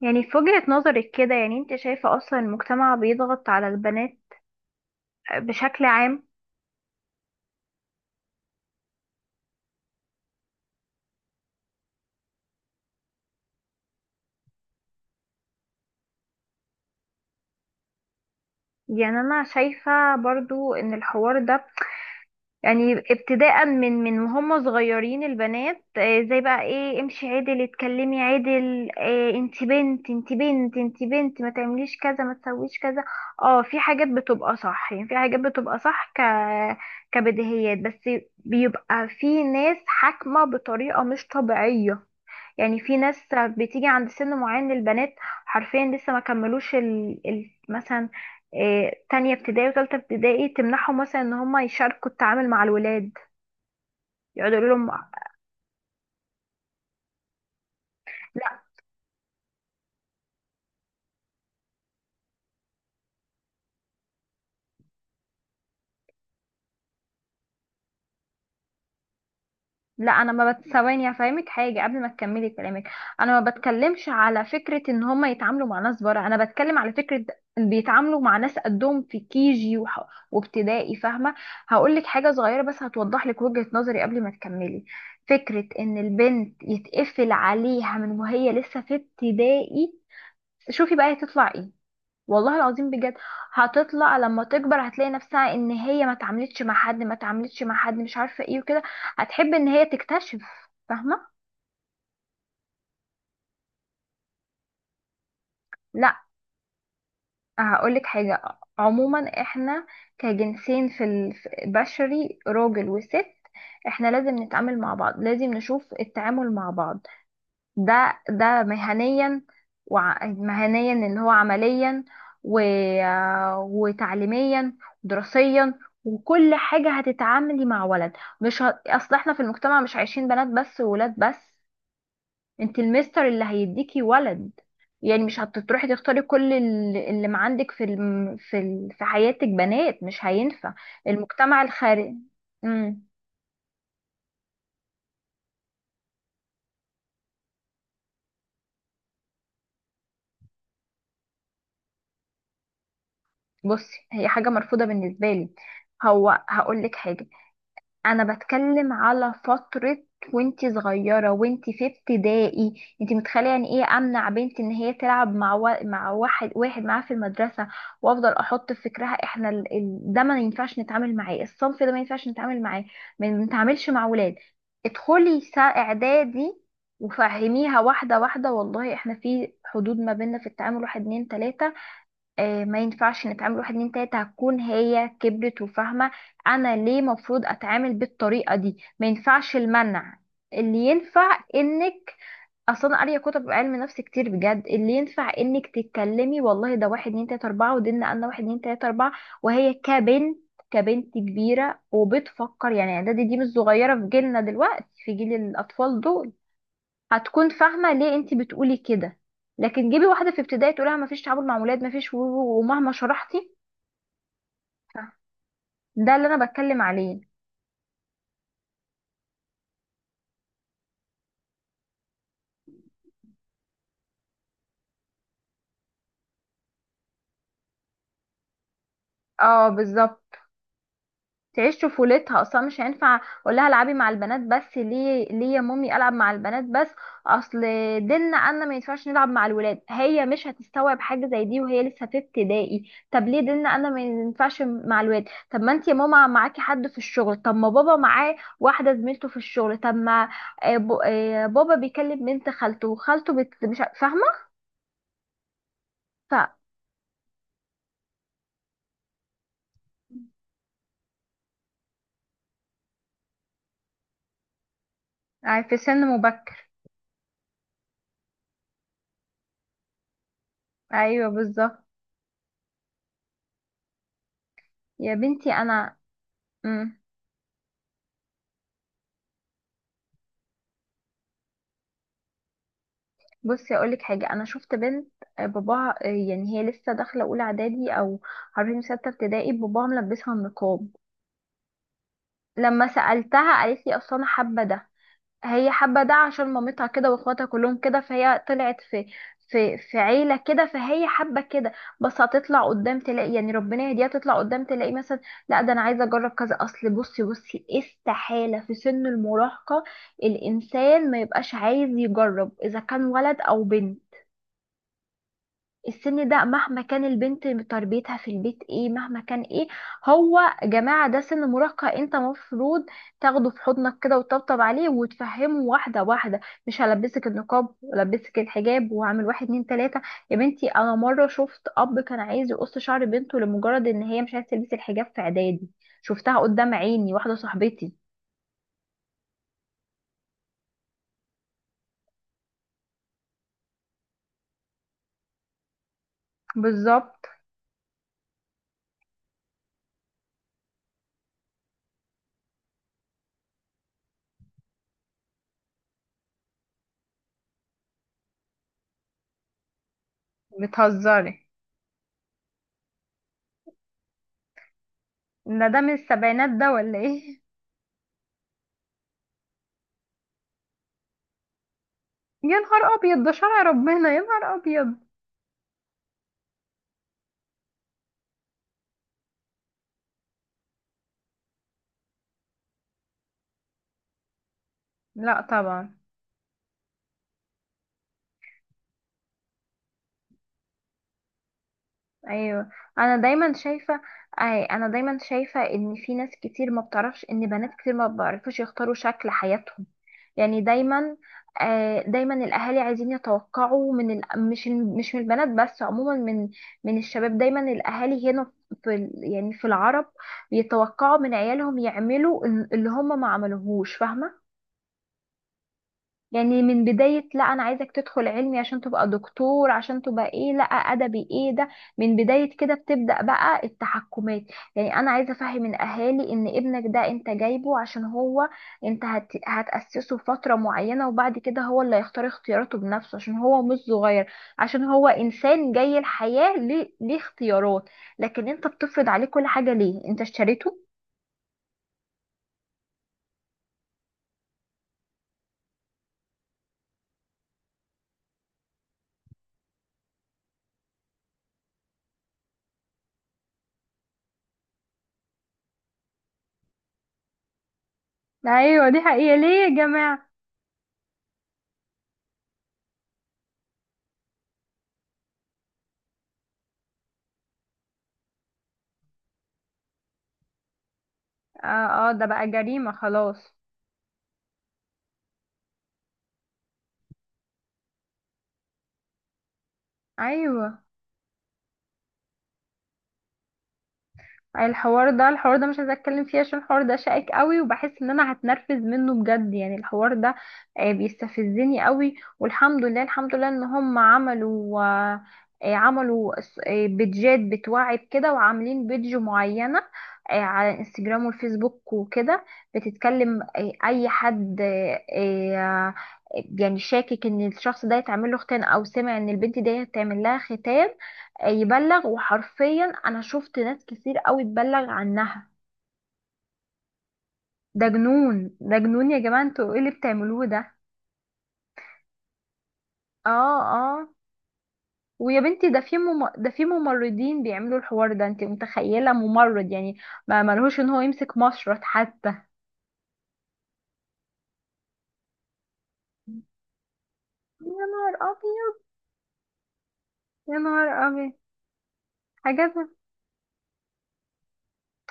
يعني في وجهة نظرك كده، يعني انت شايفة اصلا المجتمع بيضغط على البنات بشكل عام. يعني انا شايفة برضو ان الحوار ده يعني ابتداء من وهم صغيرين البنات، زي بقى ايه، امشي عدل، اتكلمي عدل، انت بنت، انت بنت، انت بنت، ما تعمليش كذا، ما تسويش كذا. اه، في حاجات بتبقى صح، يعني في حاجات بتبقى صح كبديهيات، بس بيبقى في ناس حاكمة بطريقة مش طبيعية. يعني في ناس بتيجي عند سن معين للبنات حرفيا لسه ما كملوش مثلا تانية ابتدائي وتالتة ابتدائي، تمنعهم مثلا ان هم يشاركوا التعامل مع الولاد، يقعدوا يقولوا لهم لا. لا، انا ما بت... ثواني هفهمك حاجه قبل ما تكملي كلامك. انا ما بتكلمش على فكره ان هم يتعاملوا مع ناس بره، انا بتكلم على فكره بيتعاملوا مع ناس قدهم في كيجي وابتدائي، فاهمه. هقول لك حاجه صغيره بس هتوضح لك وجهه نظري قبل ما تكملي. فكره ان البنت يتقفل عليها من وهي لسه في ابتدائي، شوفي بقى هتطلع ايه. والله العظيم بجد هتطلع لما تكبر هتلاقي نفسها ان هي ما اتعاملتش مع حد، ما اتعاملتش مع حد مش عارفه ايه وكده، هتحب ان هي تكتشف، فاهمه. لا، هقولك حاجه. عموما احنا كجنسين في البشري، راجل وست، احنا لازم نتعامل مع بعض، لازم نشوف التعامل مع بعض. ده مهنيا، مهنيا اللي هو عمليا و... وتعليميا ودراسيا وكل حاجة، هتتعاملي مع ولد، مش ه... اصل احنا في المجتمع مش عايشين بنات بس وولاد بس. انت المستر اللي هيديكي ولد، يعني مش هتروحي تختاري كل اللي ما عندك في حياتك بنات، مش هينفع المجتمع الخارجي. امم. بصي، هي حاجة مرفوضة بالنسبة لي. هقول لك حاجة، انا بتكلم على فترة وانتي صغيرة وانتي في ابتدائي. انتي متخيلة يعني ايه امنع بنتي ان هي تلعب مع واحد واحد معاها في المدرسة، وافضل احط في فكرها احنا ده ما ينفعش نتعامل معاه، الصنف ده ما ينفعش نتعامل معاه، ما نتعاملش مع ولاد. ادخلي اعدادي وفهميها واحدة واحدة، والله احنا في حدود ما بيننا في التعامل واحد اتنين تلاتة، ما ينفعش نتعامل واحد اتنين تلاته، هتكون هي كبرت وفاهمة انا ليه مفروض اتعامل بالطريقة دي. ما ينفعش المنع، اللي ينفع انك اصلا قارية كتب علم نفس كتير بجد. اللي ينفع انك تتكلمي والله ده واحد اتنين تلاته اربعة ودينا انا واحد اتنين تلاته اربعة، وهي كبنت، كبنت كبيرة وبتفكر، يعني اعدادي دي مش صغيرة في جيلنا دلوقتي، في جيل الاطفال دول، هتكون فاهمة ليه انت بتقولي كده. لكن جيبي واحدة في ابتدائي تقولها مفيش تعامل مع ولاد، مفيش ومهما شرحتي، ده اللي انا بتكلم عليه. اه بالظبط. تعيش طفولتها، اصلا مش هينفع اقول لها العبي مع البنات بس، ليه؟ ليه يا مامي العب مع البنات بس؟ اصل ديننا قالنا ما ينفعش نلعب مع الولاد، هي مش هتستوعب حاجه زي دي وهي لسه في ابتدائي. طب ليه ديننا قالنا ما ينفعش مع الولاد؟ طب ما انت يا ماما معاكي حد في الشغل، طب ما بابا معاه واحده زميلته في الشغل، طب ما بابا بيكلم بنت خالته، وخالته بت... مش ع- فاهمه. ف... في سن مبكر. ايوه بالظبط. يا بنتي انا. مم. بصي اقولك حاجه، انا شفت بنت، باباها، يعني هي لسه داخله اولى اعدادي او عارفين سته ابتدائي، باباها ملبسها النقاب. لما سالتها قالت لي اصل انا حابه ده. هي حابه ده عشان مامتها كده واخواتها كلهم كده، فهي طلعت في في عيله كده فهي حابه كده. بس هتطلع قدام تلاقي، يعني ربنا يهديها، تطلع قدام تلاقي مثلا لا، ده انا عايزه اجرب كذا. اصل بصي، بصي إيه، استحاله في سن المراهقه الانسان ما يبقاش عايز يجرب اذا كان ولد او بنت. السن ده مهما كان البنت تربيتها في البيت ايه، مهما كان ايه، هو يا جماعة ده سن مراهقة، انت مفروض تاخده في حضنك كده وتطبطب عليه وتفهمه واحدة واحدة، مش هلبسك النقاب ولبسك الحجاب وعامل واحد اتنين تلاتة. يا بنتي انا مرة شفت اب كان عايز يقص شعر بنته لمجرد ان هي مش عايزة تلبس الحجاب في اعدادي، شفتها قدام عيني، واحدة صاحبتي. بالظبط. بتهزري ان ده من السبعينات ده ولا ايه؟ يا نهار ابيض، ده شرع ربنا، يا نهار ابيض. لا طبعا. ايوه. انا دايما شايفه، أي انا دايما شايفه ان في ناس كتير ما بتعرفش ان بنات كتير ما بيعرفوش يختاروا شكل حياتهم. يعني دايما، دايما الاهالي عايزين يتوقعوا مش مش من البنات بس، عموما من من الشباب. دايما الاهالي هنا يعني في العرب يتوقعوا من عيالهم يعملوا اللي هم ما عملوهوش، فاهمه. يعني من بداية، لا أنا عايزك تدخل علمي عشان تبقى دكتور، عشان تبقى إيه، لا أدبي، إيه ده؟ من بداية كده بتبدأ بقى التحكمات. يعني أنا عايزة أفهم الأهالي إن ابنك ده أنت جايبه عشان هو، أنت هتأسسه فترة معينة وبعد كده هو اللي هيختار اختياراته بنفسه عشان هو مش صغير، عشان هو إنسان جاي الحياة ليه، ليه اختيارات. لكن أنت بتفرض عليه كل حاجة، ليه أنت اشتريته؟ أيوة دي حقيقة، ليه يا جماعة؟ آه آه، ده بقى جريمة خلاص. أيوة. الحوار ده، الحوار ده مش عايزه اتكلم فيه عشان الحوار ده شائك قوي وبحس ان انا هتنرفز منه بجد، يعني الحوار ده بيستفزني قوي. والحمد لله، الحمد لله ان هم عملوا، عملوا بيدجات بتوعي بكده، وعاملين بيدج معينه على انستجرام والفيسبوك وكده، بتتكلم اي حد آه، يعني شاكك ان الشخص ده يتعمل له ختان، او سمع ان البنت دي هتعمل لها ختان، يبلغ. وحرفيا انا شفت ناس كتير قوي تبلغ عنها. ده جنون، ده جنون يا جماعة، انتوا ايه اللي بتعملوه ده؟ اه اه. ويا بنتي ده في ده في ممرضين بيعملوا الحوار ده، انت متخيلة ممرض يعني ما ملهوش ان هو يمسك مشرط حتى. يا نهار ابيض، يا نهار ابيض. حاجات،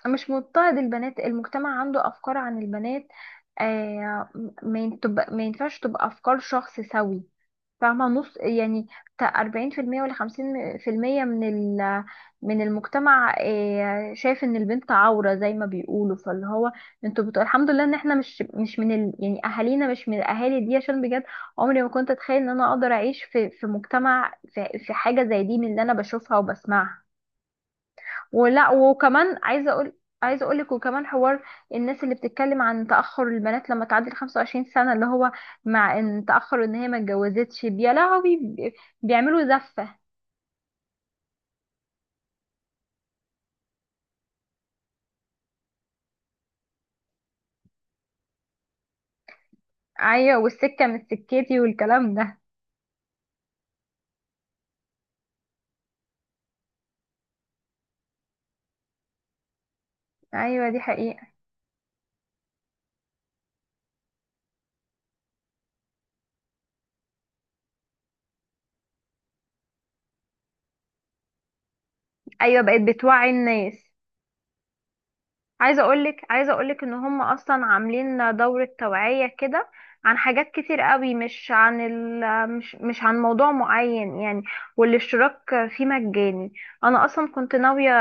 مش مضطهد البنات، المجتمع عنده افكار عن البنات آه، ما ينفعش تبقى افكار شخص سوي فاهمة نص يعني. بتاع 40% ولا 50% من ال من المجتمع شايف ان البنت عورة زي ما بيقولوا، فاللي هو انتوا بتقول الحمد لله ان احنا مش، مش من ال يعني اهالينا مش من الاهالي دي، عشان بجد عمري ما كنت اتخيل ان انا اقدر اعيش في، في مجتمع في، في حاجة زي دي من اللي انا بشوفها وبسمعها. ولا. وكمان عايزه اقول، عايزه اقول لك وكمان حوار: الناس اللي بتتكلم عن تاخر البنات لما تعدي ال 25 سنه، اللي هو مع ان تاخر ان هي ما اتجوزتش، يا لهوي، بيعملوا زفه. ايوه والسكه من سكتي والكلام ده. ايوه دي حقيقه. ايوه بقت بتوعي الناس. عايزه اقولك، عايزه اقولك ان هم اصلا عاملين دوره توعيه كده عن حاجات كتير قوي، مش عن ال مش مش عن موضوع معين يعني، والاشتراك فيه مجاني. انا اصلا كنت ناويه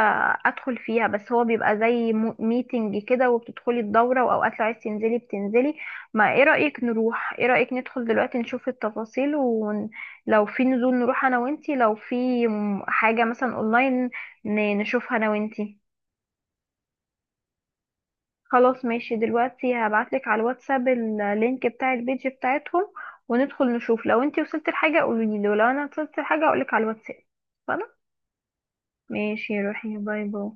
ادخل فيها، بس هو بيبقى زي ميتنج كده وبتدخلي الدوره، واوقات لو عايز تنزلي بتنزلي. ما ايه رايك نروح، ايه رايك ندخل دلوقتي نشوف التفاصيل، ولو في نزول نروح انا وانتي، لو في حاجه مثلا اونلاين نشوفها انا وانتي. خلاص ماشي، دلوقتي هبعتلك على الواتساب اللينك بتاع البيج بتاعتهم، وندخل نشوف. لو انتي وصلت لحاجة قوليلي، ولو انا وصلت لحاجة اقولك على الواتساب. خلاص. ماشي، روحي، باي باي.